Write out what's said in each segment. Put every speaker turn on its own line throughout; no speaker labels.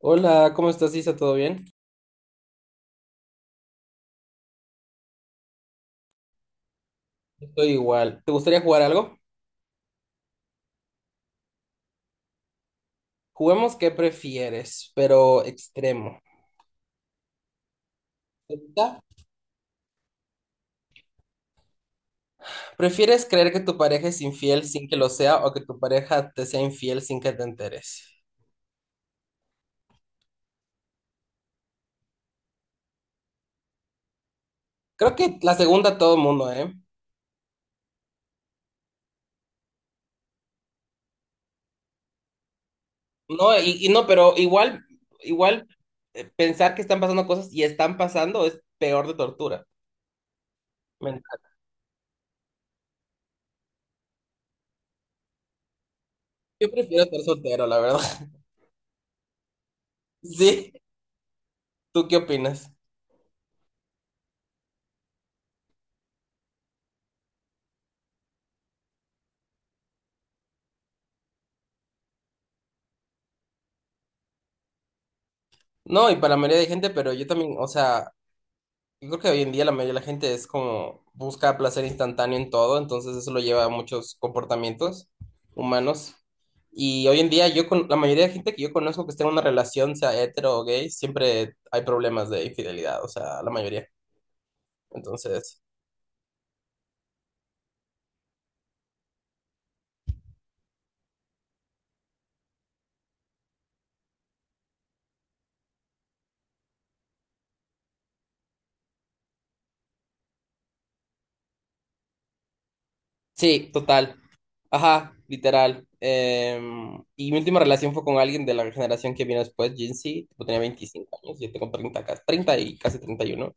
Hola, ¿cómo estás, Isa? ¿Todo bien? Estoy igual. ¿Te gustaría jugar algo? Juguemos qué prefieres, pero extremo. ¿Está? ¿Prefieres creer que tu pareja es infiel sin que lo sea o que tu pareja te sea infiel sin que te enteres? Creo que la segunda todo el mundo, ¿eh? No, y no, pero igual, igual pensar que están pasando cosas y están pasando es peor de tortura mental. Yo prefiero estar soltero, la verdad. Sí, ¿tú qué opinas? No, y para la mayoría de gente, pero yo también, o sea, yo creo que hoy en día la mayoría de la gente es como busca placer instantáneo en todo, entonces eso lo lleva a muchos comportamientos humanos. Y hoy en día yo con la mayoría de gente que yo conozco que esté en una relación, sea hetero o gay, siempre hay problemas de infidelidad, o sea, la mayoría. Entonces, sí, total. Ajá, literal. Y mi última relación fue con alguien de la generación que vino después, Gen Z, tipo, tenía 25 años, yo tengo 30, casi treinta, y casi 31.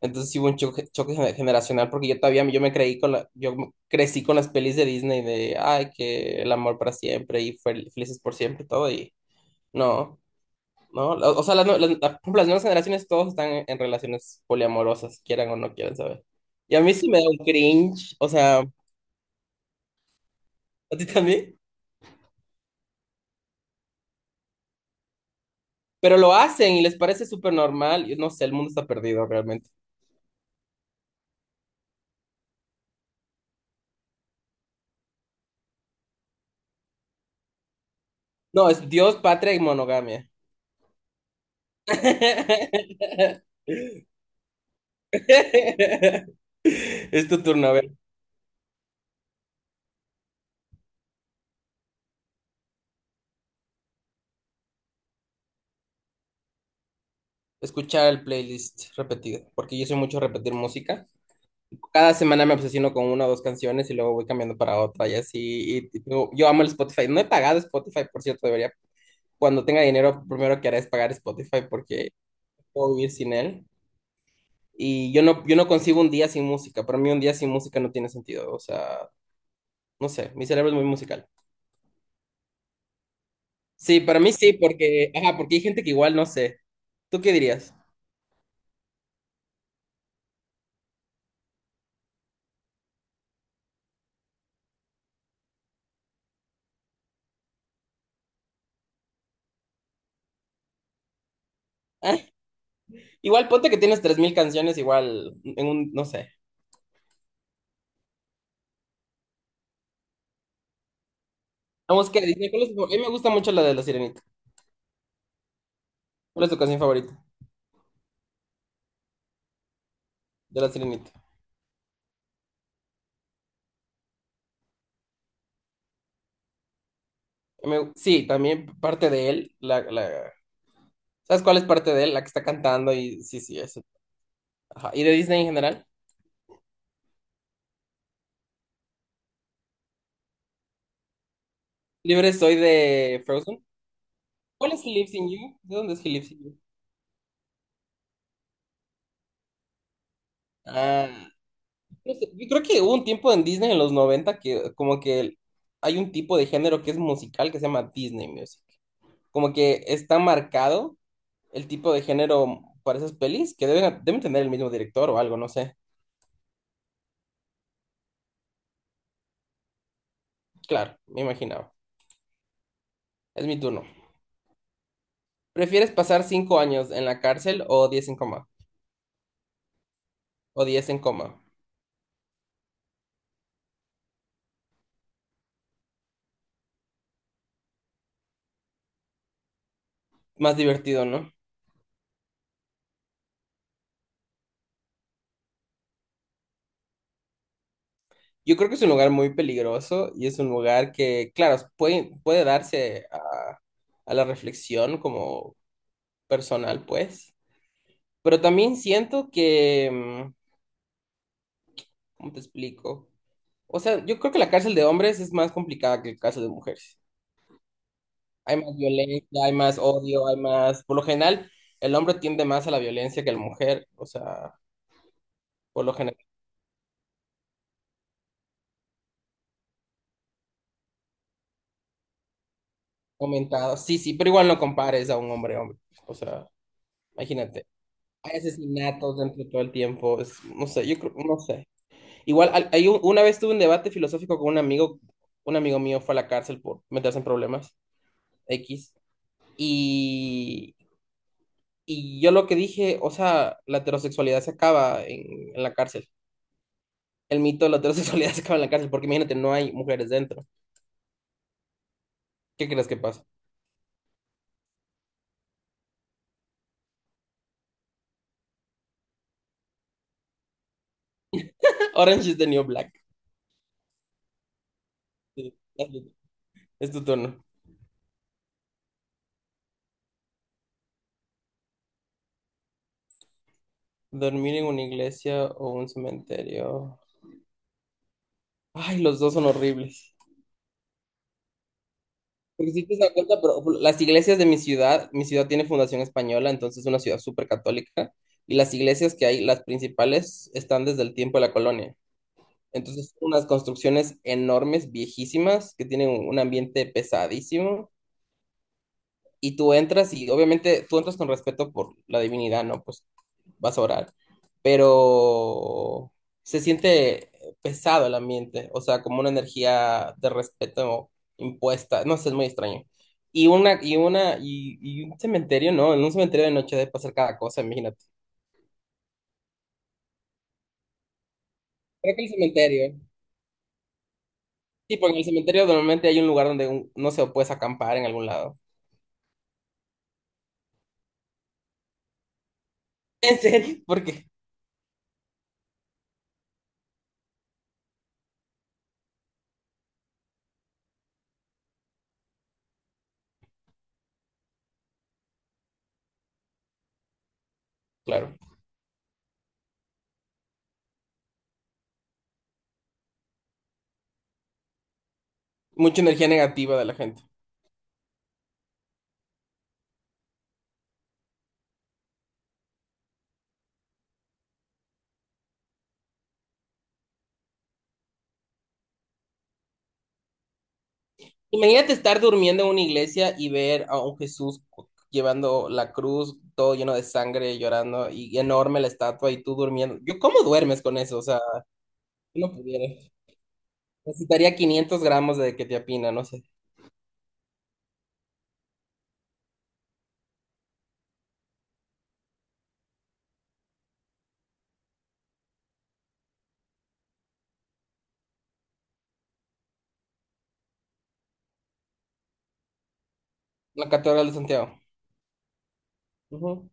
Entonces sí hubo un choque generacional porque yo todavía, yo me creí con la, yo crecí con las pelis de Disney de ay que el amor para siempre y felices por siempre y todo. Y no, no, o sea, las, nue- las, la- por ejemplo, las nuevas generaciones todos están en relaciones poliamorosas, quieran o no quieran saber. Y a mí sí me da un cringe, o sea, a ti también, pero lo hacen y les parece súper normal, y no sé, el mundo está perdido realmente. No, es Dios, patria y monogamia. Es tu turno, a ver. Escuchar el playlist repetido, porque yo soy mucho de repetir música. Cada semana me obsesiono con una o dos canciones y luego voy cambiando para otra y así. Y yo amo el Spotify. No he pagado Spotify, por cierto, debería. Cuando tenga dinero, primero que haré es pagar Spotify porque no puedo vivir sin él. Y yo no, yo no concibo un día sin música. Para mí un día sin música no tiene sentido. O sea, no sé, mi cerebro es muy musical. Sí, para mí sí, porque, ajá, porque hay gente que igual no sé. ¿Tú qué dirías? Ah, igual ponte que tienes 3.000 canciones, igual en un, no sé. La música de Disney, ¿cuál es tu favorita? A mí me gusta mucho la de La Sirenita. ¿Cuál es tu canción favorita de La Sirenita? Sí, también parte de él, la, la... ¿Sabes cuál es parte de él? La que está cantando y sí, sí, eso. Ajá. ¿Y de Disney en general? Libre soy de Frozen. ¿Cuál es He Lives in You? ¿De dónde es He Lives in You? Ah, no sé, yo creo que hubo un tiempo en Disney en los 90 que como que hay un tipo de género que es musical que se llama Disney Music. Como que está marcado el tipo de género para esas pelis que deben, deben tener el mismo director o algo, no sé. Claro, me imaginaba. Es mi turno. ¿Prefieres pasar 5 años en la cárcel o 10 en coma? O diez en coma. Más divertido, ¿no? Yo creo que es un lugar muy peligroso y es un lugar que, claro, puede, puede darse a la reflexión como personal, pues. Pero también siento que, ¿cómo te explico? O sea, yo creo que la cárcel de hombres es más complicada que la cárcel de mujeres. Hay más violencia, hay más odio, hay más. Por lo general, el hombre tiende más a la violencia que la mujer. O sea, por lo general. Comentado. Sí, sí, pero igual no compares a un hombre, hombre. O sea, imagínate. Hay asesinatos dentro de todo el tiempo. No sé, yo creo, no sé. Igual, hay una vez tuve un debate filosófico con un amigo. Un amigo mío fue a la cárcel por meterse en problemas X. Y, y yo lo que dije, o sea, la heterosexualidad se acaba en la cárcel. El mito de la heterosexualidad se acaba en la cárcel porque imagínate, no hay mujeres dentro. ¿Qué crees que pasa? Orange Is the New Black. Sí, es tu turno. Dormir en una iglesia o un cementerio. Ay, los dos son horribles. Porque si te das cuenta, pero las iglesias de mi ciudad tiene fundación española, entonces es una ciudad súper católica, y las iglesias que hay, las principales, están desde el tiempo de la colonia. Entonces, son unas construcciones enormes, viejísimas, que tienen un ambiente pesadísimo, y tú entras y obviamente tú entras con respeto por la divinidad, ¿no? Pues vas a orar, pero se siente pesado el ambiente, o sea, como una energía de respeto impuesta, no sé, es muy extraño. Y un cementerio, no, en un cementerio de noche debe pasar cada cosa, imagínate. Creo que el cementerio, sí, porque en el cementerio normalmente hay un lugar donde, no se puedes acampar en algún lado. ¿En serio? ¿Por qué? Claro, mucha energía negativa de la gente. Imagínate estar durmiendo en una iglesia y ver a un Jesús llevando la cruz, todo lleno de sangre, llorando, y enorme la estatua, y tú durmiendo. Yo, ¿cómo duermes con eso? O sea, yo no pudiera. Necesitaría 500 gramos de que te apina, no sé. La Catedral de Santiago. Ujú.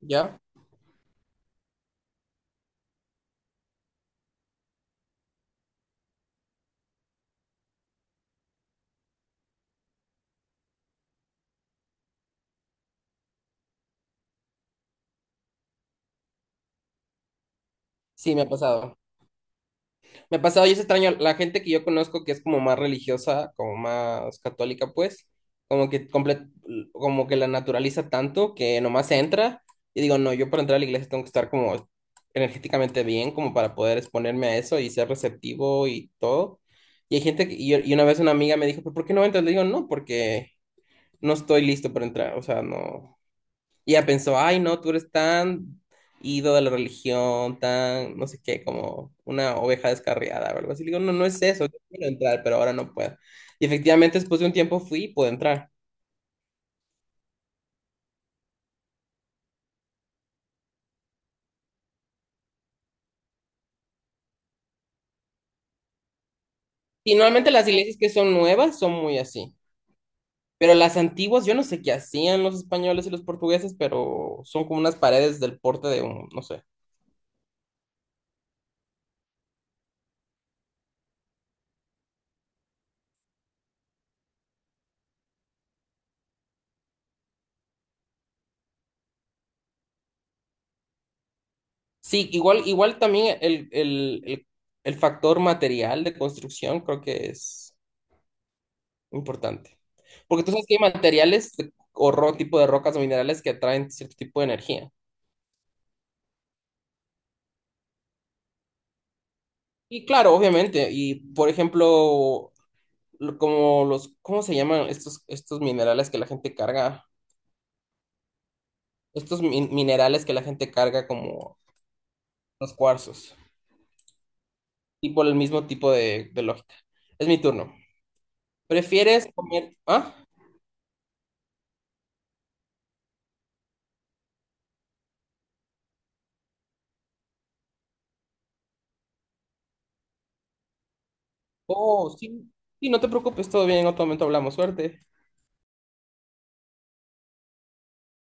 ¿Ya? Sí, me ha pasado. Me ha pasado y es extraño. La gente que yo conozco que es como más religiosa, como más católica, pues, como que como que la naturaliza tanto que nomás entra. Y digo, no, yo para entrar a la iglesia tengo que estar como energéticamente bien, como para poder exponerme a eso y ser receptivo y todo. Y hay gente que, y una vez una amiga me dijo: "¿Pero por qué no entras?" Le digo, no, porque no estoy listo para entrar, o sea, no. Y ella pensó, ay, no, tú eres tan ido de la religión, tan, no sé qué, como una oveja descarriada o algo así. Le digo, no, no es eso, yo quiero entrar, pero ahora no puedo. Y efectivamente, después de un tiempo fui y pude entrar. Y normalmente las iglesias que son nuevas son muy así. Pero las antiguas, yo no sé qué hacían los españoles y los portugueses, pero son como unas paredes del porte de un, no sé. Sí, igual, igual también el factor material de construcción creo que es importante. Porque tú sabes que hay materiales tipo de rocas o minerales que atraen cierto tipo de energía. Y claro, obviamente. Y por ejemplo, como los, ¿cómo se llaman estos, estos minerales que la gente carga? Minerales que la gente carga como los cuarzos. Y por el mismo tipo de lógica. Es mi turno. ¿Prefieres comer? ¿Ah? Oh, sí. Sí, no te preocupes, todo bien, en otro momento hablamos. Suerte.